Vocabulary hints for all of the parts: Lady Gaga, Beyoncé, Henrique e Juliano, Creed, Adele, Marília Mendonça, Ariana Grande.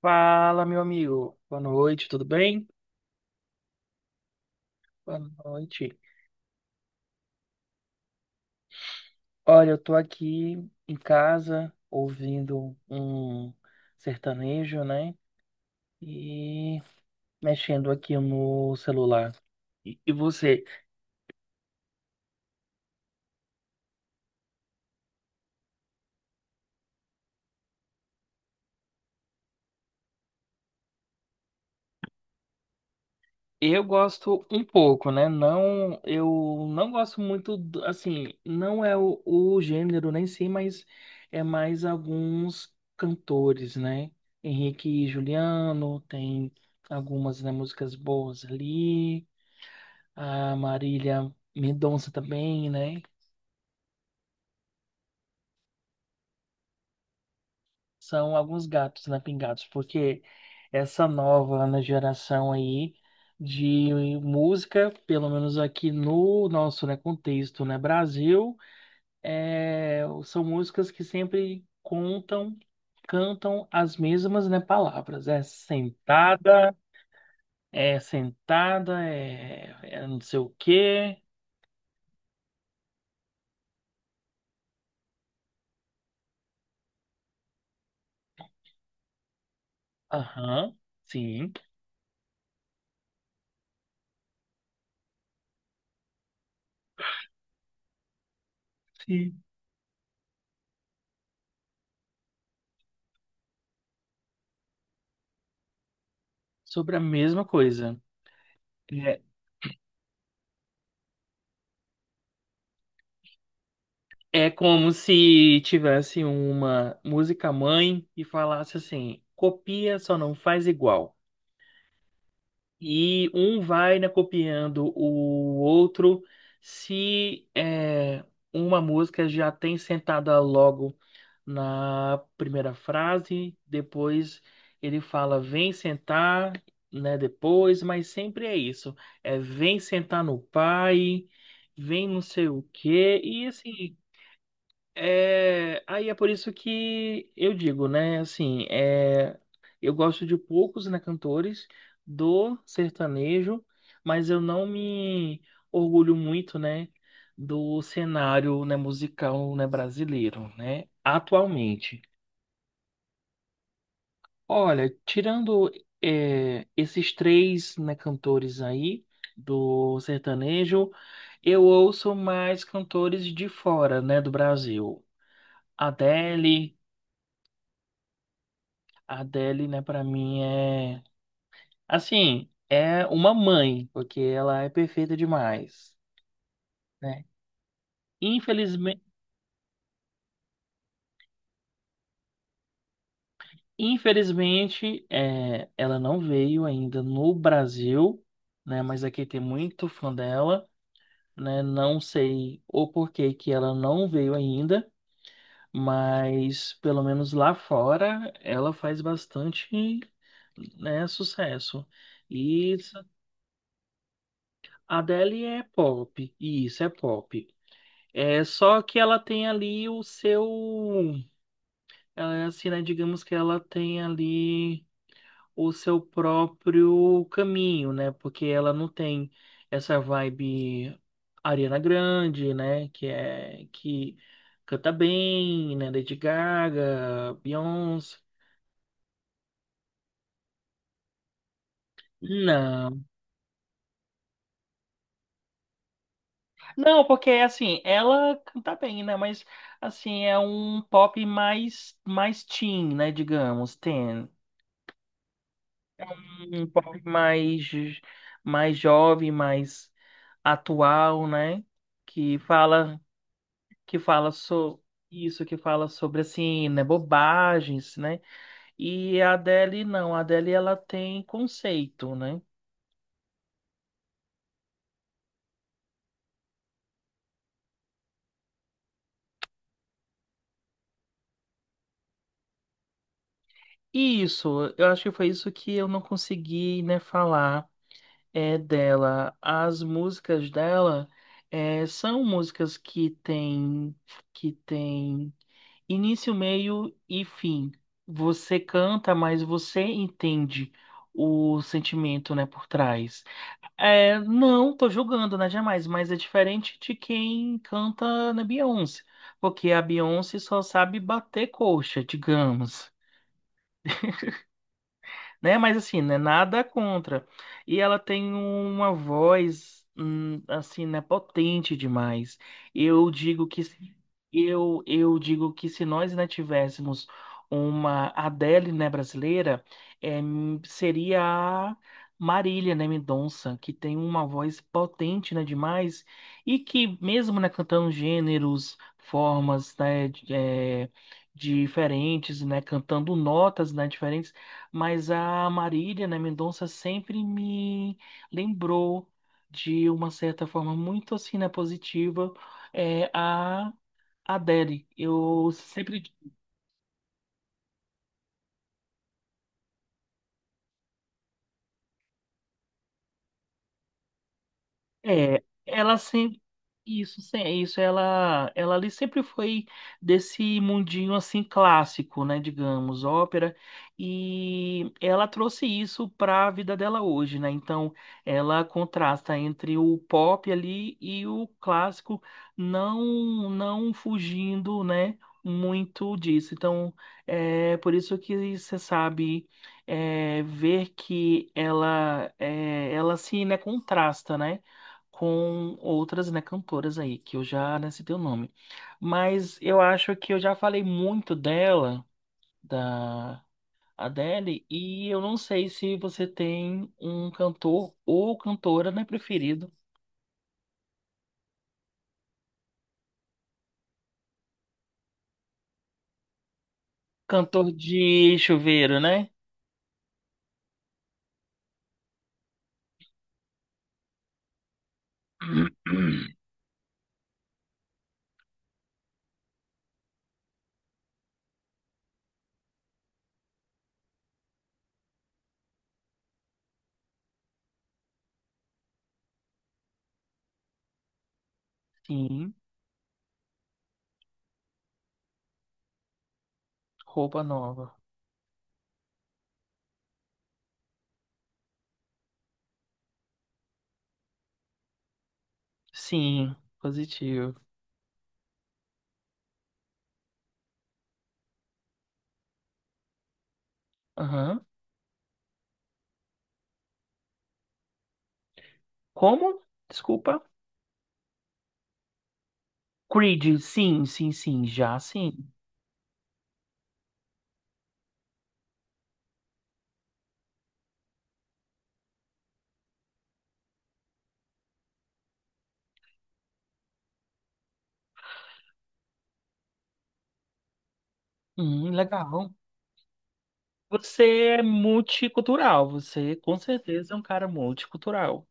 Fala, meu amigo. Boa noite, tudo bem? Boa noite. Olha, eu tô aqui em casa ouvindo um sertanejo, né? E mexendo aqui no celular. E você? Eu gosto um pouco, né? Não, eu não gosto muito, do- assim, não é o gênero nem sei, mas é mais alguns cantores, né? Henrique e Juliano, tem algumas, né, músicas boas ali. A Marília Mendonça também, né? São alguns gatos, né, pingados, porque essa nova, né, geração aí de música, pelo menos aqui no nosso, né, contexto, né, Brasil é, são músicas que sempre contam, cantam as mesmas, né, palavras. É sentada, é sentada, é, é não sei o quê. Aham, sim, sim. Sobre a mesma coisa. É, é como se tivesse uma música mãe e falasse assim, copia, só não faz igual. E um vai, né, copiando o outro. Se é, uma música já tem sentada logo na primeira frase, depois ele fala vem sentar, né, depois, mas sempre é isso. É vem sentar no pai, vem não sei o quê, e assim. É, aí é por isso que eu digo, né? Assim, é, eu gosto de poucos, né, cantores do sertanejo, mas eu não me orgulho muito, né, do cenário, né, musical, né, brasileiro, né, atualmente. Olha, tirando é, esses três, né, cantores aí do sertanejo, eu ouço mais cantores de fora, né, do Brasil. Adele. A Adele, né, pra mim é. Assim, é uma mãe, porque ela é perfeita demais, né? Infelizme... Infelizmente, é, ela não veio ainda no Brasil, né? Mas aqui tem muito fã dela, né? Não sei o porquê que ela não veio ainda, mas pelo menos lá fora ela faz bastante, né, sucesso. E isso- a Adele é pop, e isso é pop. É só que ela tem ali o seu, ela é assim, né? Digamos que ela tem ali o seu próprio caminho, né? Porque ela não tem essa vibe Ariana Grande, né? Que é que canta bem, né? Lady Gaga, Beyoncé. Não, não, porque assim, ela canta bem, né? Mas assim, é um pop mais teen, né? Digamos, teen. Um pop mais, mais jovem, mais atual, né? Que fala, que fala sobre isso, que fala sobre assim, né, bobagens, né? E a Adele não, a Adele ela tem conceito, né? E isso, eu acho que foi isso que eu não consegui, né, falar é dela. As músicas dela é, são músicas que tem Início, meio e fim. Você canta, mas você entende o sentimento, né, por trás. É, não, tô julgando, né, jamais, mas é diferente de quem canta na Beyoncé, porque a Beyoncé só sabe bater coxa, digamos né? Mas assim, né? Nada contra. E ela tem uma voz, assim, né? Potente demais. Eu digo que se- eu digo que se nós, né, tivéssemos uma Adele, né, brasileira, eh, seria a Marília, né, Mendonça, que tem uma voz potente, né, demais e que mesmo, né, cantando gêneros, formas, né, de- diferentes, né, cantando notas, né, diferentes mas a Marília, né, Mendonça sempre me lembrou de uma certa forma muito assim, né, positiva, é, a Adele. Eu sempre é, ela sempre isso, se- isso ela ali sempre foi desse mundinho assim clássico, né, digamos, ópera, e ela trouxe isso para a vida dela hoje, né? Então, ela contrasta entre o pop ali e o clássico, não fugindo, né, muito disso. Então, é por isso que você sabe é, ver que ela é, ela se, né, contrasta, né? Com outras, né, cantoras aí, que eu já né, citei o nome. Mas eu acho que eu já falei muito dela, da Adele, e eu não sei se você tem um cantor ou cantora, né, preferido. Cantor de chuveiro, né? Sim, roupa nova. Sim, positivo. Aham. Como? Desculpa. Creed, sim, sim, sim, já sim. Legal. Você é multicultural, você com certeza é um cara multicultural.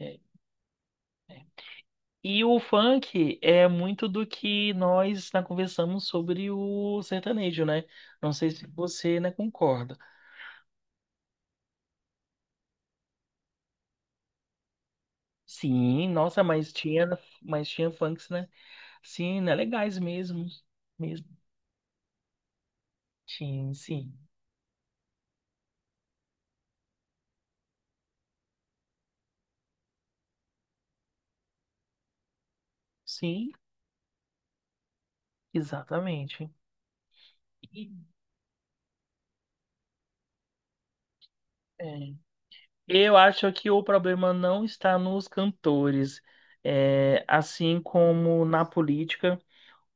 É, é. E o funk é muito do que nós né, conversamos sobre o sertanejo, né? Não sei se você, né, concorda. Sim, nossa, mas tinha funks, né? Sim, né, legais mesmo, mesmo. Sim, sim, sim, exatamente. E, é. Eu acho que o problema não está nos cantores. É, assim como na política,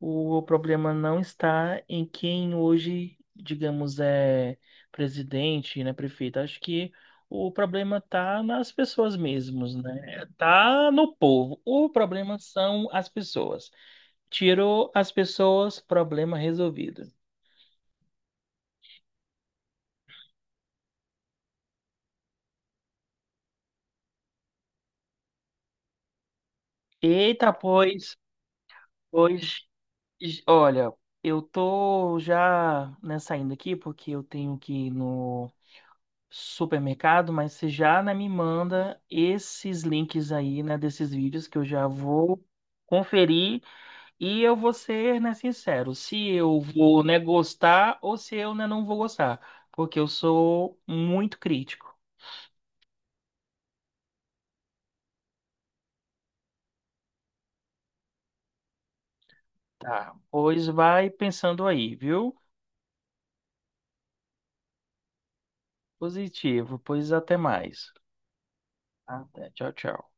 o problema não está em quem hoje, digamos, é presidente, né, prefeito. Acho que o problema está nas pessoas mesmas, né? Tá no povo. O problema são as pessoas. Tirou as pessoas, problema resolvido. Eita, pois olha, eu tô já, né, saindo aqui porque eu tenho que ir no supermercado, mas você já, né, me manda esses links aí, né, desses vídeos que eu já vou conferir e eu vou ser, né, sincero, se eu vou, né, gostar ou se eu, né, não vou gostar, porque eu sou muito crítico, tá? Pois vai pensando aí, viu? Positivo, pois até mais. Até, tchau, tchau.